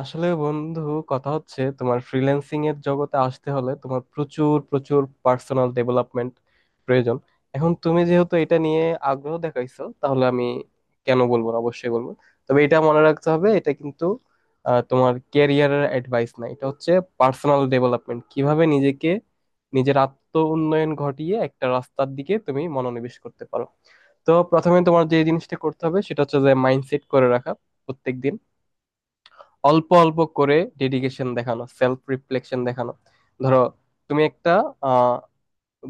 আসলে বন্ধু, কথা হচ্ছে তোমার ফ্রিল্যান্সিং এর জগতে আসতে হলে তোমার প্রচুর প্রচুর পার্সোনাল ডেভেলপমেন্ট প্রয়োজন। এখন তুমি যেহেতু এটা নিয়ে আগ্রহ দেখাইছো, তাহলে আমি কেন বলবো না, অবশ্যই বলবো। তবে এটা মনে রাখতে হবে, এটা কিন্তু তোমার ক্যারিয়ারের অ্যাডভাইস না, এটা হচ্ছে পার্সোনাল ডেভেলপমেন্ট। কিভাবে নিজেকে, নিজের আত্ম উন্নয়ন ঘটিয়ে একটা রাস্তার দিকে তুমি মনোনিবেশ করতে পারো। তো প্রথমে তোমার যে জিনিসটা করতে হবে সেটা হচ্ছে যে মাইন্ডসেট করে রাখা, প্রত্যেকদিন অল্প অল্প করে ডেডিকেশন দেখানো, সেলফ রিফ্লেকশন দেখানো। ধরো তুমি একটা আহ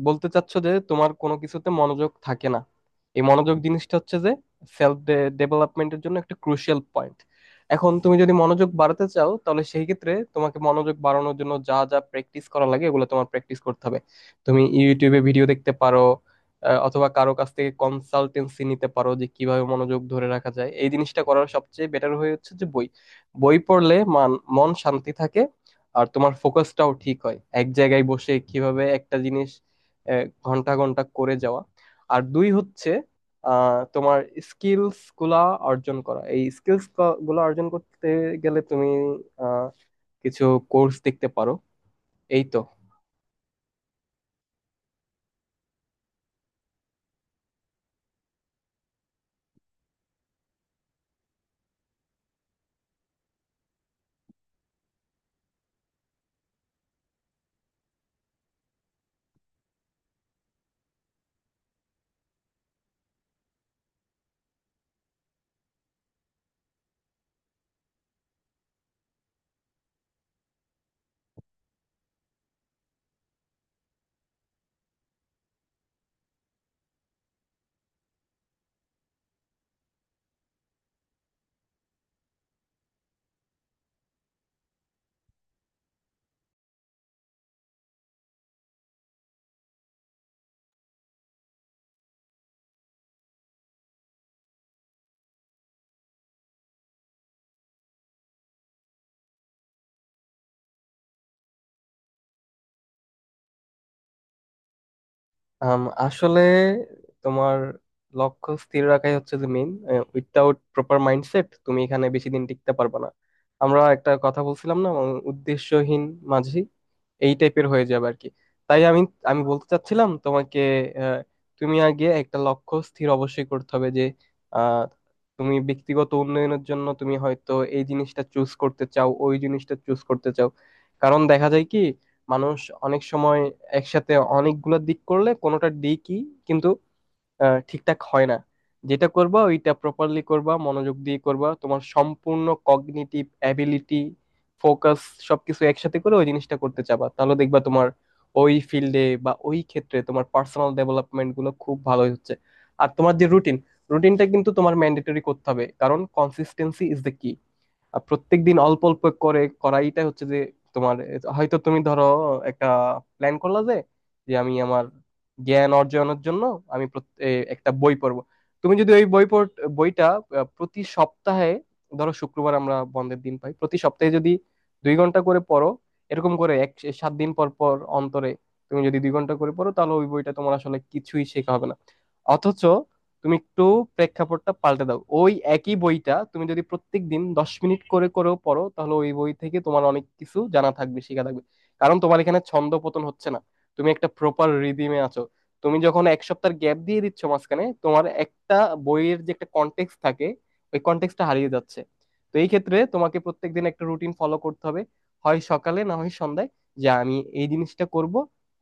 বলতে চাচ্ছ যে তোমার কোনো কিছুতে মনোযোগ থাকে না। এই মনোযোগ জিনিসটা হচ্ছে যে সেলফ ডেভেলপমেন্টের জন্য একটা ক্রুশিয়াল পয়েন্ট। এখন তুমি যদি মনোযোগ বাড়াতে চাও, তাহলে সেই ক্ষেত্রে তোমাকে মনোযোগ বাড়ানোর জন্য যা যা প্র্যাকটিস করা লাগে এগুলো তোমার প্র্যাকটিস করতে হবে। তুমি ইউটিউবে ভিডিও দেখতে পারো, অথবা কারো কাছ থেকে কনসালটেন্সি নিতে পারো যে কিভাবে মনোযোগ ধরে রাখা যায়। এই জিনিসটা করার সবচেয়ে বেটার হয়ে হচ্ছে যে বই, বই পড়লে মন শান্তি থাকে, আর তোমার ফোকাসটাও ঠিক হয়, এক জায়গায় বসে কিভাবে একটা জিনিস ঘন্টা ঘন্টা করে যাওয়া। আর দুই হচ্ছে তোমার স্কিলস গুলা অর্জন করা। এই স্কিলস গুলা অর্জন করতে গেলে তুমি আহ, কিছু কোর্স দেখতে পারো। এই তো। আসলে তোমার লক্ষ্য স্থির রাখাই হচ্ছে যে মেইন। উইথাউট প্রপার মাইন্ডসেট তুমি এখানে বেশি দিন টিকতে পারবে না। আমরা একটা কথা বলছিলাম না, উদ্দেশ্যহীন মাঝি এই টাইপের হয়ে যাবে আর কি। তাই আমি আমি বলতে চাচ্ছিলাম তোমাকে, আহ, তুমি আগে একটা লক্ষ্য স্থির অবশ্যই করতে হবে যে আহ, তুমি ব্যক্তিগত উন্নয়নের জন্য তুমি হয়তো এই জিনিসটা চুজ করতে চাও, ওই জিনিসটা চুজ করতে চাও। কারণ দেখা যায় কি, মানুষ অনেক সময় একসাথে অনেকগুলো দিক করলে কোনোটা দিকই কিন্তু ঠিকঠাক হয় না। যেটা করবা ওইটা প্রপারলি করবা, মনোযোগ দিয়ে করবা, তোমার সম্পূর্ণ কগনিটিভ অ্যাবিলিটি, ফোকাস, সবকিছু একসাথে করে ওই জিনিসটা করতে চাবা, তাহলে দেখবা তোমার ওই ফিল্ডে বা ওই ক্ষেত্রে তোমার পার্সোনাল ডেভেলপমেন্ট গুলো খুব ভালোই হচ্ছে। আর তোমার যে রুটিনটা কিন্তু তোমার ম্যান্ডেটরি করতে হবে, কারণ কনসিস্টেন্সি ইজ দ্য কি। আর প্রত্যেকদিন অল্প অল্প করে করাইটা হচ্ছে যে তোমার, হয়তো তুমি ধরো একটা প্ল্যান করলা যে, যে আমি আমার জ্ঞান অর্জনের জন্য আমি একটা বই পড়বো। তুমি যদি ওই বই পড়, বইটা প্রতি সপ্তাহে, ধরো শুক্রবার আমরা বন্ধের দিন পাই, প্রতি সপ্তাহে যদি 2 ঘন্টা করে পড়ো, এরকম করে এক 7 দিন পর পর অন্তরে তুমি যদি 2 ঘন্টা করে পড়ো, তাহলে ওই বইটা তোমার আসলে কিছুই শেখা হবে না। অথচ তুমি একটু প্রেক্ষাপটটা পাল্টে দাও, ওই একই বইটা তুমি যদি প্রত্যেকদিন 10 মিনিট করে করেও পড়ো, তাহলে ওই বই থেকে তোমার অনেক কিছু জানা থাকবে, শেখা থাকবে। কারণ তোমার এখানে ছন্দ পতন হচ্ছে না, তুমি একটা প্রপার রিদিমে আছো। তুমি যখন এক সপ্তাহ গ্যাপ দিয়ে দিচ্ছ, মাঝখানে তোমার একটা বইয়ের যে একটা কনটেক্সট থাকে, ওই কনটেক্সটটা হারিয়ে যাচ্ছে। তো এই ক্ষেত্রে তোমাকে প্রত্যেকদিন একটা রুটিন ফলো করতে হবে, হয় সকালে না হয় সন্ধ্যায়, যে আমি এই জিনিসটা করব।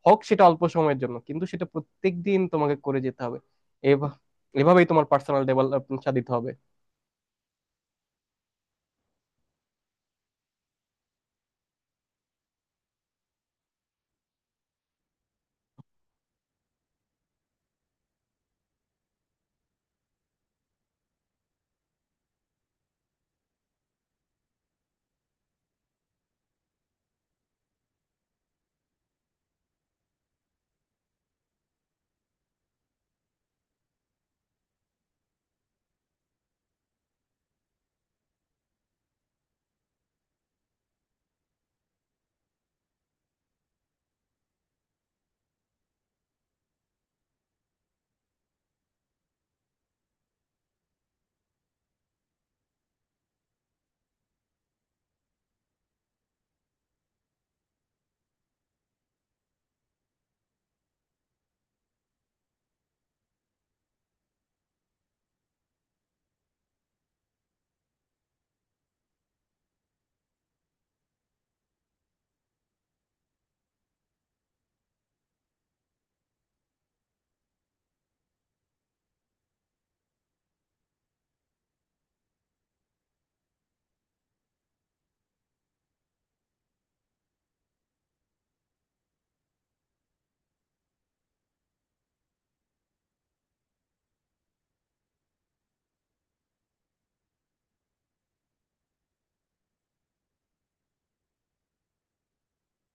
হোক সেটা অল্প সময়ের জন্য, কিন্তু সেটা প্রত্যেকদিন তোমাকে করে যেতে হবে। এভাবে, এভাবেই তোমার পার্সোনাল ডেভেলপমেন্টটা দিতে হবে।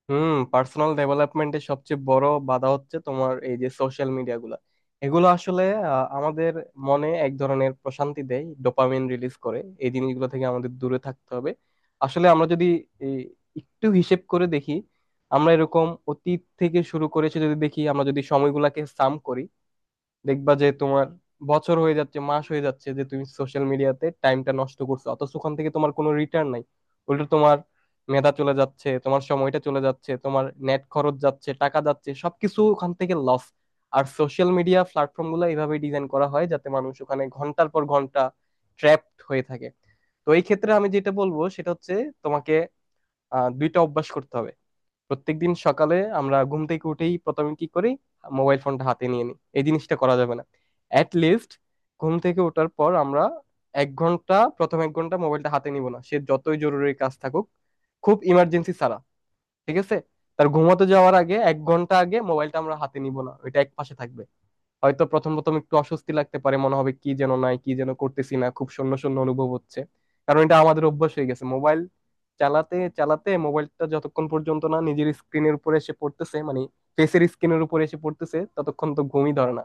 হুম, পার্সোনাল ডেভেলপমেন্টের সবচেয়ে বড় বাধা হচ্ছে তোমার এই যে সোশ্যাল মিডিয়া গুলা। এগুলো আসলে আমাদের মনে এক ধরনের প্রশান্তি দেয়, ডোপামিন রিলিজ করে। এই জিনিসগুলো থেকে আমাদের দূরে থাকতে হবে। আসলে আমরা যদি এই, একটু হিসেব করে দেখি, আমরা এরকম অতীত থেকে শুরু করেছে যদি দেখি, আমরা যদি সময়গুলাকে সাম করি, দেখবা যে তোমার বছর হয়ে যাচ্ছে, মাস হয়ে যাচ্ছে যে তুমি সোশ্যাল মিডিয়াতে টাইমটা নষ্ট করছো, অথচ ওখান থেকে তোমার কোনো রিটার্ন নাই। উল্টো তোমার মেধা চলে যাচ্ছে, তোমার সময়টা চলে যাচ্ছে, তোমার নেট খরচ যাচ্ছে, টাকা যাচ্ছে, সবকিছু ওখান থেকে লস। আর সোশ্যাল মিডিয়া প্ল্যাটফর্ম গুলো এইভাবে ডিজাইন করা হয় যাতে মানুষ ওখানে ঘন্টার পর ঘন্টা ট্র্যাপড হয়ে থাকে। তো এই ক্ষেত্রে আমি যেটা বলবো সেটা হচ্ছে তোমাকে দুইটা অভ্যাস করতে হবে। প্রত্যেকদিন সকালে আমরা ঘুম থেকে উঠেই প্রথমে কি করি, মোবাইল ফোনটা হাতে নিয়ে নিই। এই জিনিসটা করা যাবে না। অ্যাট লিস্ট ঘুম থেকে ওঠার পর আমরা 1 ঘন্টা, প্রথম 1 ঘন্টা মোবাইলটা হাতে নিব না, সে যতই জরুরি কাজ থাকুক, খুব ইমার্জেন্সি ছাড়া। ঠিক আছে? তার ঘুমাতে যাওয়ার আগে 1 ঘন্টা আগে মোবাইলটা আমরা হাতে নিব না, ওইটা এক পাশে থাকবে। হয়তো প্রথম প্রথম একটু অস্বস্তি লাগতে পারে, মনে হবে কি যেন নাই, কি যেন করতেছি না, খুব শূন্য শূন্য অনুভব হচ্ছে। কারণ এটা আমাদের অভ্যাস হয়ে গেছে, মোবাইল চালাতে চালাতে মোবাইলটা যতক্ষণ পর্যন্ত না নিজের স্ক্রিনের উপরে এসে পড়তেছে, মানে ফেসের স্ক্রিনের উপরে এসে পড়তেছে, ততক্ষণ তো ঘুমই ধরে না।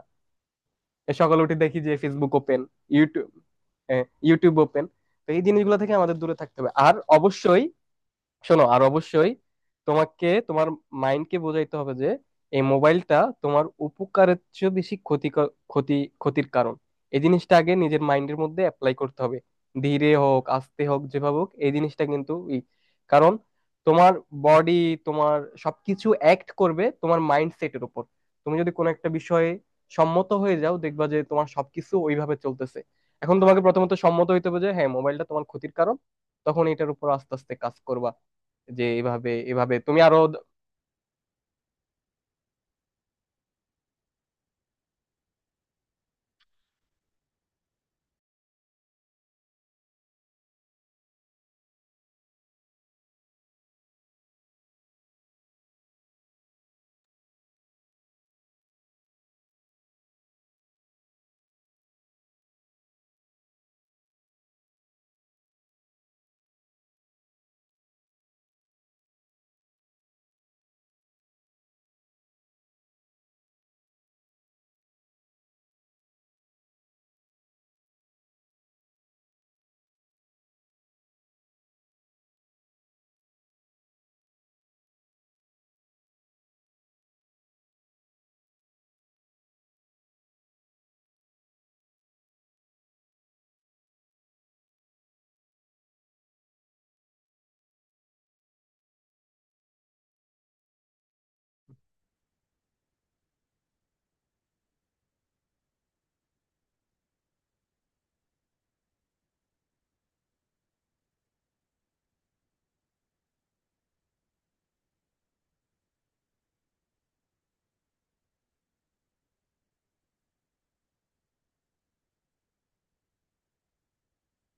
এ সকালে উঠে দেখি যে Facebook open, YouTube YouTube open. তো এই জিনিসগুলো থেকে আমাদের দূরে থাকতে হবে। আর অবশ্যই শোনো, আর অবশ্যই তোমাকে তোমার মাইন্ডকে বোঝাইতে হবে যে এই মোবাইলটা তোমার উপকারের চেয়ে বেশি ক্ষতি, ক্ষতির কারণ। এই জিনিসটা আগে নিজের মাইন্ডের মধ্যে অ্যাপ্লাই করতে হবে, ধীরে হোক আস্তে হোক যেভাবে হোক এই জিনিসটা কিন্তু ই। কারণ তোমার বডি, তোমার সবকিছু অ্যাক্ট করবে তোমার মাইন্ডসেটের উপর। তুমি যদি কোনো একটা বিষয়ে সম্মত হয়ে যাও, দেখবা যে তোমার সবকিছু ওইভাবে চলতেছে। এখন তোমাকে প্রথমত সম্মত হইতে হবে যে হ্যাঁ, মোবাইলটা তোমার ক্ষতির কারণ। তখন এটার উপর আস্তে আস্তে কাজ করবা, যে এভাবে এভাবে তুমি আরো।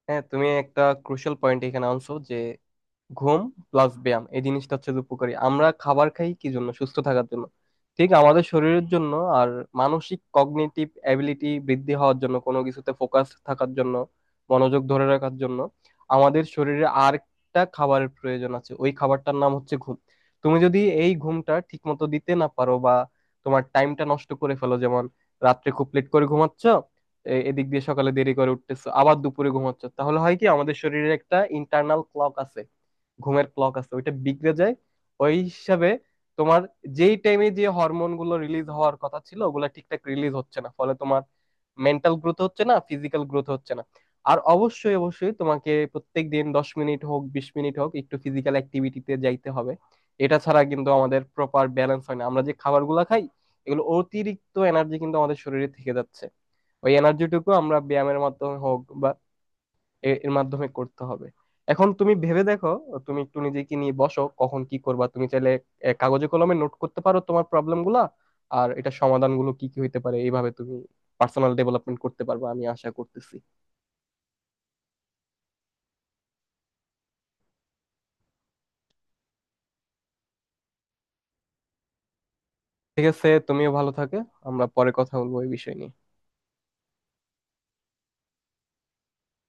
হ্যাঁ, তুমি একটা ক্রুশিয়াল পয়েন্ট এখানে আনছো যে ঘুম প্লাস ব্যায়াম, এই জিনিসটা হচ্ছে যে উপকারী। আমরা খাবার খাই কি জন্য, সুস্থ থাকার জন্য, ঠিক আমাদের শরীরের জন্য। আর মানসিক কগনিটিভ অ্যাবিলিটি বৃদ্ধি হওয়ার জন্য, কোনো কিছুতে ফোকাস থাকার জন্য, মনোযোগ ধরে রাখার জন্য আমাদের শরীরে আরেকটা খাবারের প্রয়োজন আছে, ওই খাবারটার নাম হচ্ছে ঘুম। তুমি যদি এই ঘুমটা ঠিক মতো দিতে না পারো, বা তোমার টাইমটা নষ্ট করে ফেলো, যেমন রাত্রে খুব লেট করে ঘুমাচ্ছ, এদিক দিয়ে সকালে দেরি করে উঠতেছো, আবার দুপুরে ঘুমাচ্ছ, তাহলে হয় কি, আমাদের শরীরে একটা ইন্টারনাল ক্লক আছে, ঘুমের ক্লক আছে, ওইটা বিগড়ে যায়। ওই হিসাবে তোমার যেই টাইমে যে হরমোন গুলো রিলিজ হওয়ার কথা ছিল, ওগুলো ঠিকঠাক রিলিজ হচ্ছে না, ফলে তোমার মেন্টাল গ্রোথ হচ্ছে না, ফিজিক্যাল গ্রোথ হচ্ছে না। আর অবশ্যই অবশ্যই তোমাকে প্রত্যেক দিন 10 মিনিট হোক 20 মিনিট হোক একটু ফিজিক্যাল অ্যাক্টিভিটিতে যাইতে হবে। এটা ছাড়া কিন্তু আমাদের প্রপার ব্যালেন্স হয় না। আমরা যে খাবারগুলো খাই, এগুলো অতিরিক্ত এনার্জি কিন্তু আমাদের শরীরে থেকে যাচ্ছে, ওই এনার্জিটুকু আমরা ব্যায়ামের মাধ্যমে হোক বা এর মাধ্যমে করতে হবে। এখন তুমি ভেবে দেখো, তুমি একটু নিজেকে নিয়ে বসো কখন কি করবা। তুমি চাইলে কাগজে কলমে নোট করতে পারো তোমার প্রবলেম গুলা, আর এটা সমাধানগুলো কি কি হইতে পারে, এইভাবে তুমি পার্সোনাল ডেভেলপমেন্ট করতে পারবা, আমি আশা করতেছি। ঠিক আছে, তুমিও ভালো থাকে, আমরা পরে কথা বলবো এই বিষয় নিয়ে।